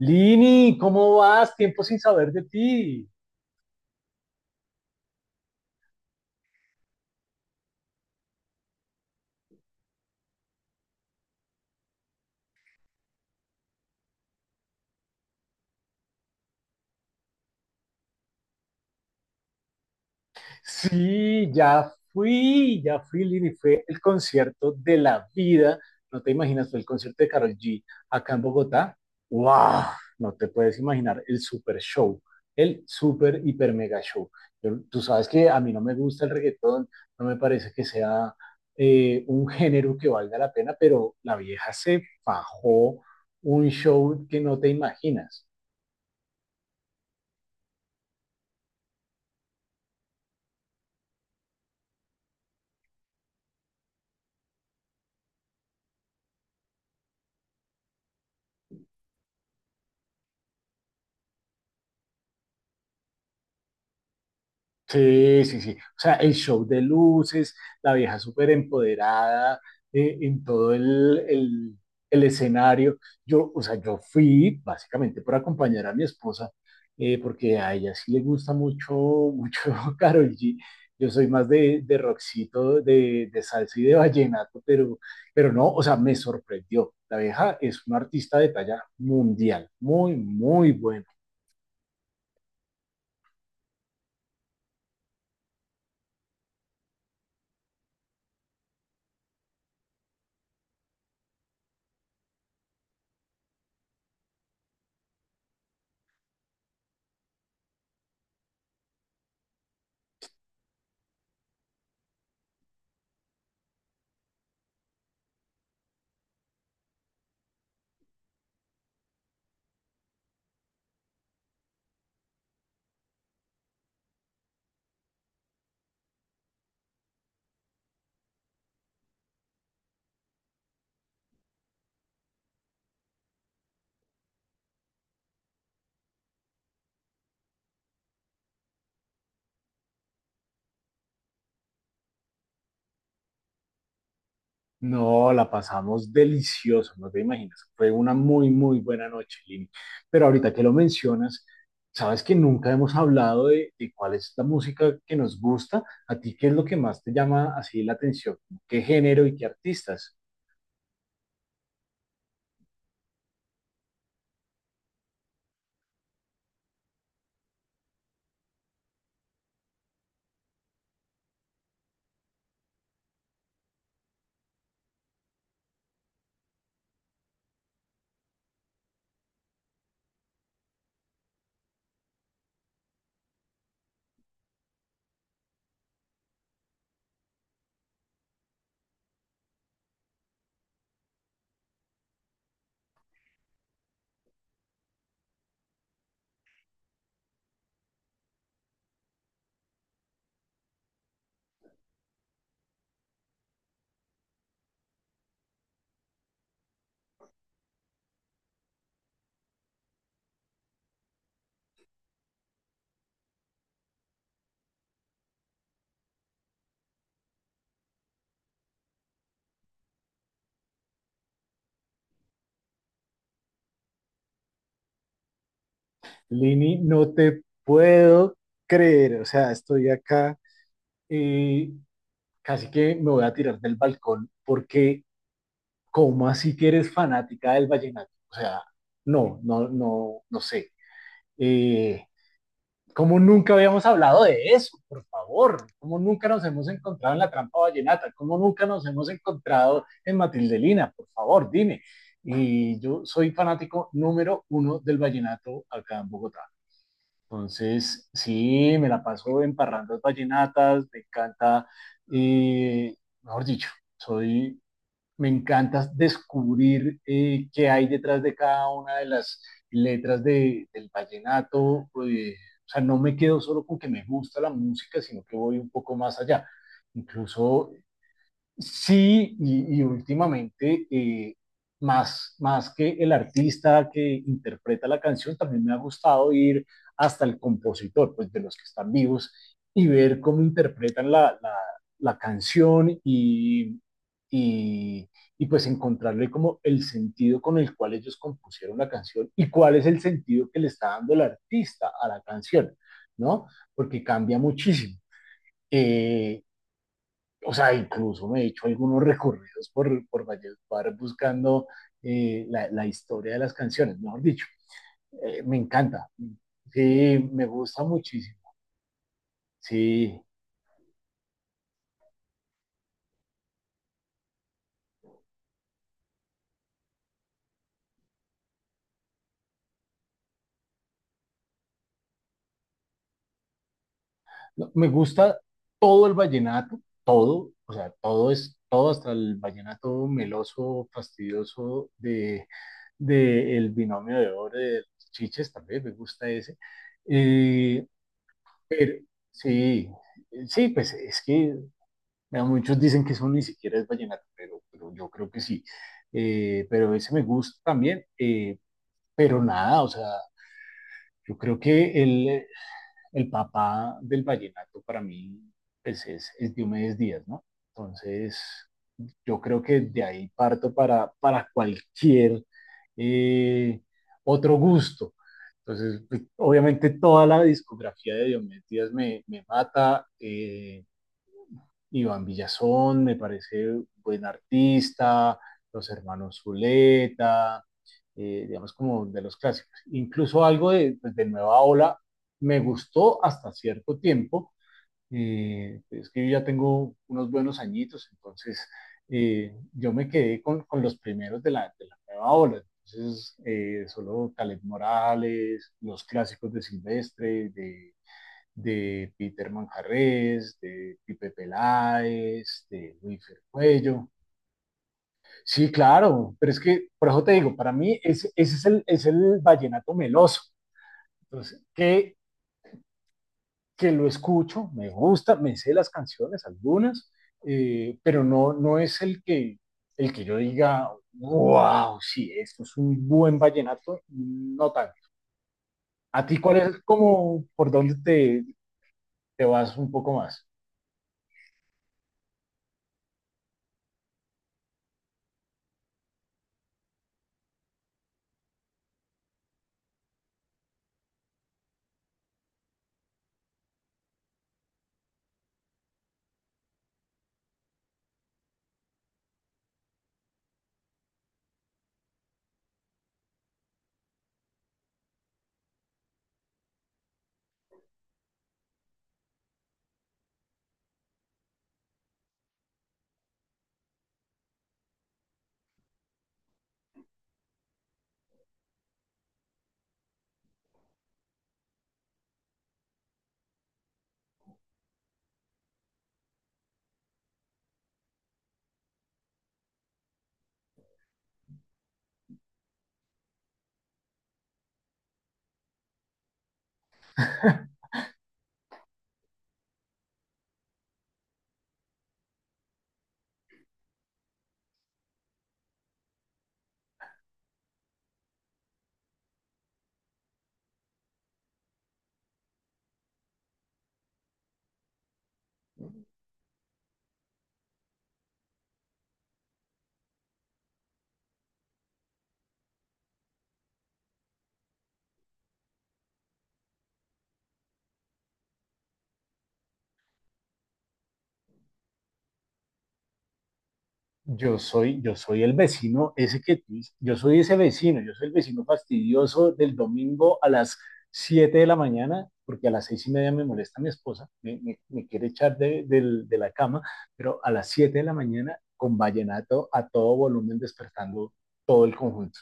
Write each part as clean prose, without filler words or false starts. Lini, ¿cómo vas? Tiempo sin saber de ti. Sí, ya fui, Lini. Fue el concierto de la vida. No te imaginas, fue el concierto de Karol G acá en Bogotá. ¡Wow! No te puedes imaginar el super show, el super hiper mega show. Tú sabes que a mí no me gusta el reggaetón, no me parece que sea un género que valga la pena, pero la vieja se fajó un show que no te imaginas. Sí, sí, sí. O sea, el show de luces, la vieja súper empoderada en todo el escenario. Yo, o sea, yo fui básicamente por acompañar a mi esposa, porque a ella sí le gusta mucho, mucho Karol G. Yo soy más de rockcito, de salsa y de vallenato, pero no, o sea, me sorprendió. La vieja es una artista de talla mundial, muy, muy buena. No, la pasamos delicioso, no te imaginas. Fue una muy, muy buena noche, Lini. Pero ahorita que lo mencionas, sabes que nunca hemos hablado de cuál es la música que nos gusta. ¿A ti qué es lo que más te llama así la atención? ¿Qué género y qué artistas? Lini, no te puedo creer. O sea, estoy acá y casi que me voy a tirar del balcón porque, ¿cómo así que eres fanática del vallenato? O sea, no, no, no, no sé. Eh, ¿Cómo nunca habíamos hablado de eso? Por favor, ¿cómo nunca nos hemos encontrado en la trampa vallenata? ¿Cómo nunca nos hemos encontrado en Matildelina? Por favor, dime. Y yo soy fanático número uno del vallenato acá en Bogotá. Entonces, sí, me la paso en parrandas vallenatas, me encanta. eh, Mejor dicho, soy me encanta descubrir qué hay detrás de cada una de las letras del vallenato. O sea, no me quedo solo con que me gusta la música, sino que voy un poco más allá. Incluso Sí, y, últimamente, más, más que el artista que interpreta la canción, también me ha gustado ir hasta el compositor, pues de los que están vivos, y ver cómo interpretan la canción y, y, y pues encontrarle como el sentido con el cual ellos compusieron la canción y cuál es el sentido que le está dando el artista a la canción, ¿no? Porque cambia muchísimo. Eh, o sea, incluso me he hecho algunos recorridos por Valledupar buscando historia de las canciones, mejor dicho. Me encanta, sí, me gusta muchísimo, sí. No, me gusta todo el vallenato, todo, o sea, todo es, todo hasta el vallenato meloso, fastidioso de el binomio de oro de los Chiches, también me gusta ese. eh, pero sí, sí, pues es que vea, muchos dicen que eso ni siquiera es vallenato, pero yo creo que sí. Pero ese me gusta también. Pero nada, o sea, yo creo que el papá del vallenato para mí pues, es Diomedes Díaz, ¿no? Entonces, yo creo que de ahí parto para cualquier eh, otro gusto. Entonces, pues, obviamente toda la discografía de Diomedes Díaz me mata. Iván Villazón, me parece un buen artista, los hermanos Zuleta, digamos como de los clásicos. Incluso algo de, pues, de Nueva Ola me gustó hasta cierto tiempo. Es que yo ya tengo unos buenos añitos, entonces yo me quedé los primeros de la Nueva Ola. Entonces, solo Caleb Morales, los clásicos de Silvestre, de Peter Manjarres, de Pipe Peláez, de Luis Cuello. Sí, claro, pero es que, por eso te digo, para mí es el vallenato meloso. Entonces, que lo escucho, me gusta, me sé las canciones, algunas, pero no, no es el que, yo diga, wow, sí, esto es un buen vallenato, no tanto. ¿A ti cuál es como por dónde te vas un poco más? Yo soy el vecino, ese que tú dices, yo soy ese vecino, yo soy el vecino fastidioso del domingo a las 7 de la mañana, porque a las 6:30 me molesta mi esposa, me quiere echar de la cama, pero a las 7 de la mañana con vallenato a todo volumen despertando todo el conjunto.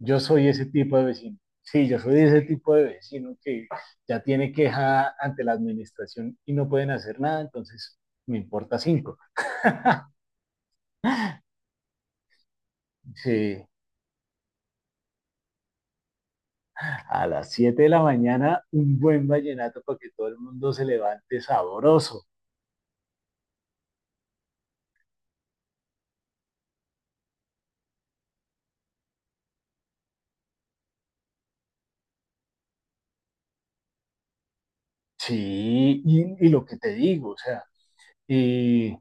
Yo soy ese tipo de vecino. Sí, yo soy ese tipo de vecino que ya tiene queja ante la administración y no pueden hacer nada, entonces me importa cinco. Sí, a las 7 de la mañana, un buen vallenato para que todo el mundo se levante sabroso. Sí, y, lo que te digo, o sea, y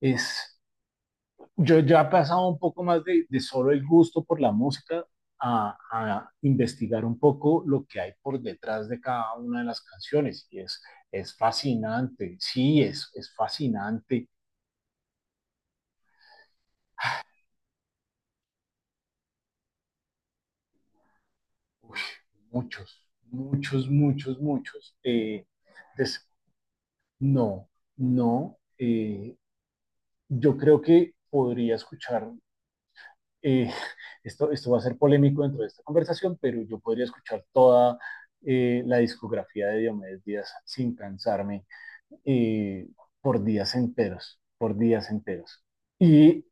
es, yo ya he pasado un poco más de solo el gusto por la música a investigar un poco lo que hay por detrás de cada una de las canciones. Y es fascinante, sí, es fascinante. Uy, muchos, muchos, muchos, muchos. Entonces, no, no, yo creo que podría eh, esto va a ser polémico dentro de esta conversación, pero yo podría escuchar toda la discografía de Diomedes Díaz sin cansarme. eh, por días enteros, por días enteros. Y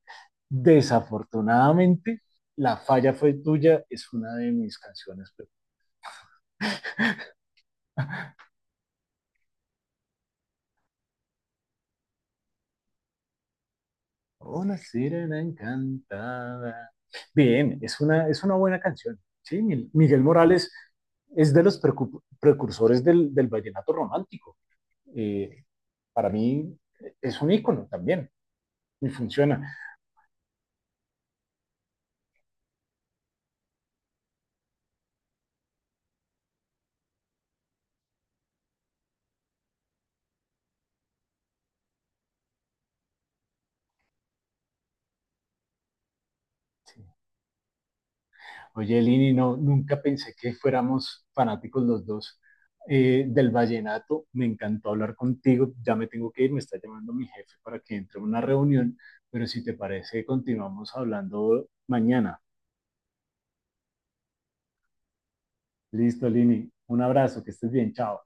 desafortunadamente, La falla fue tuya es una de mis canciones. Una sirena encantada. Bien, es una buena canción. Sí, Miguel Morales es de los precursores del vallenato romántico. Eh, para mí es un ícono también y funciona. Sí. Oye, Lini, no, nunca pensé que fuéramos fanáticos los dos del vallenato. Me encantó hablar contigo. Ya me tengo que ir, me está llamando mi jefe para que entre a una reunión, pero si te parece, continuamos hablando mañana. Listo, Lini. Un abrazo, que estés bien, chao.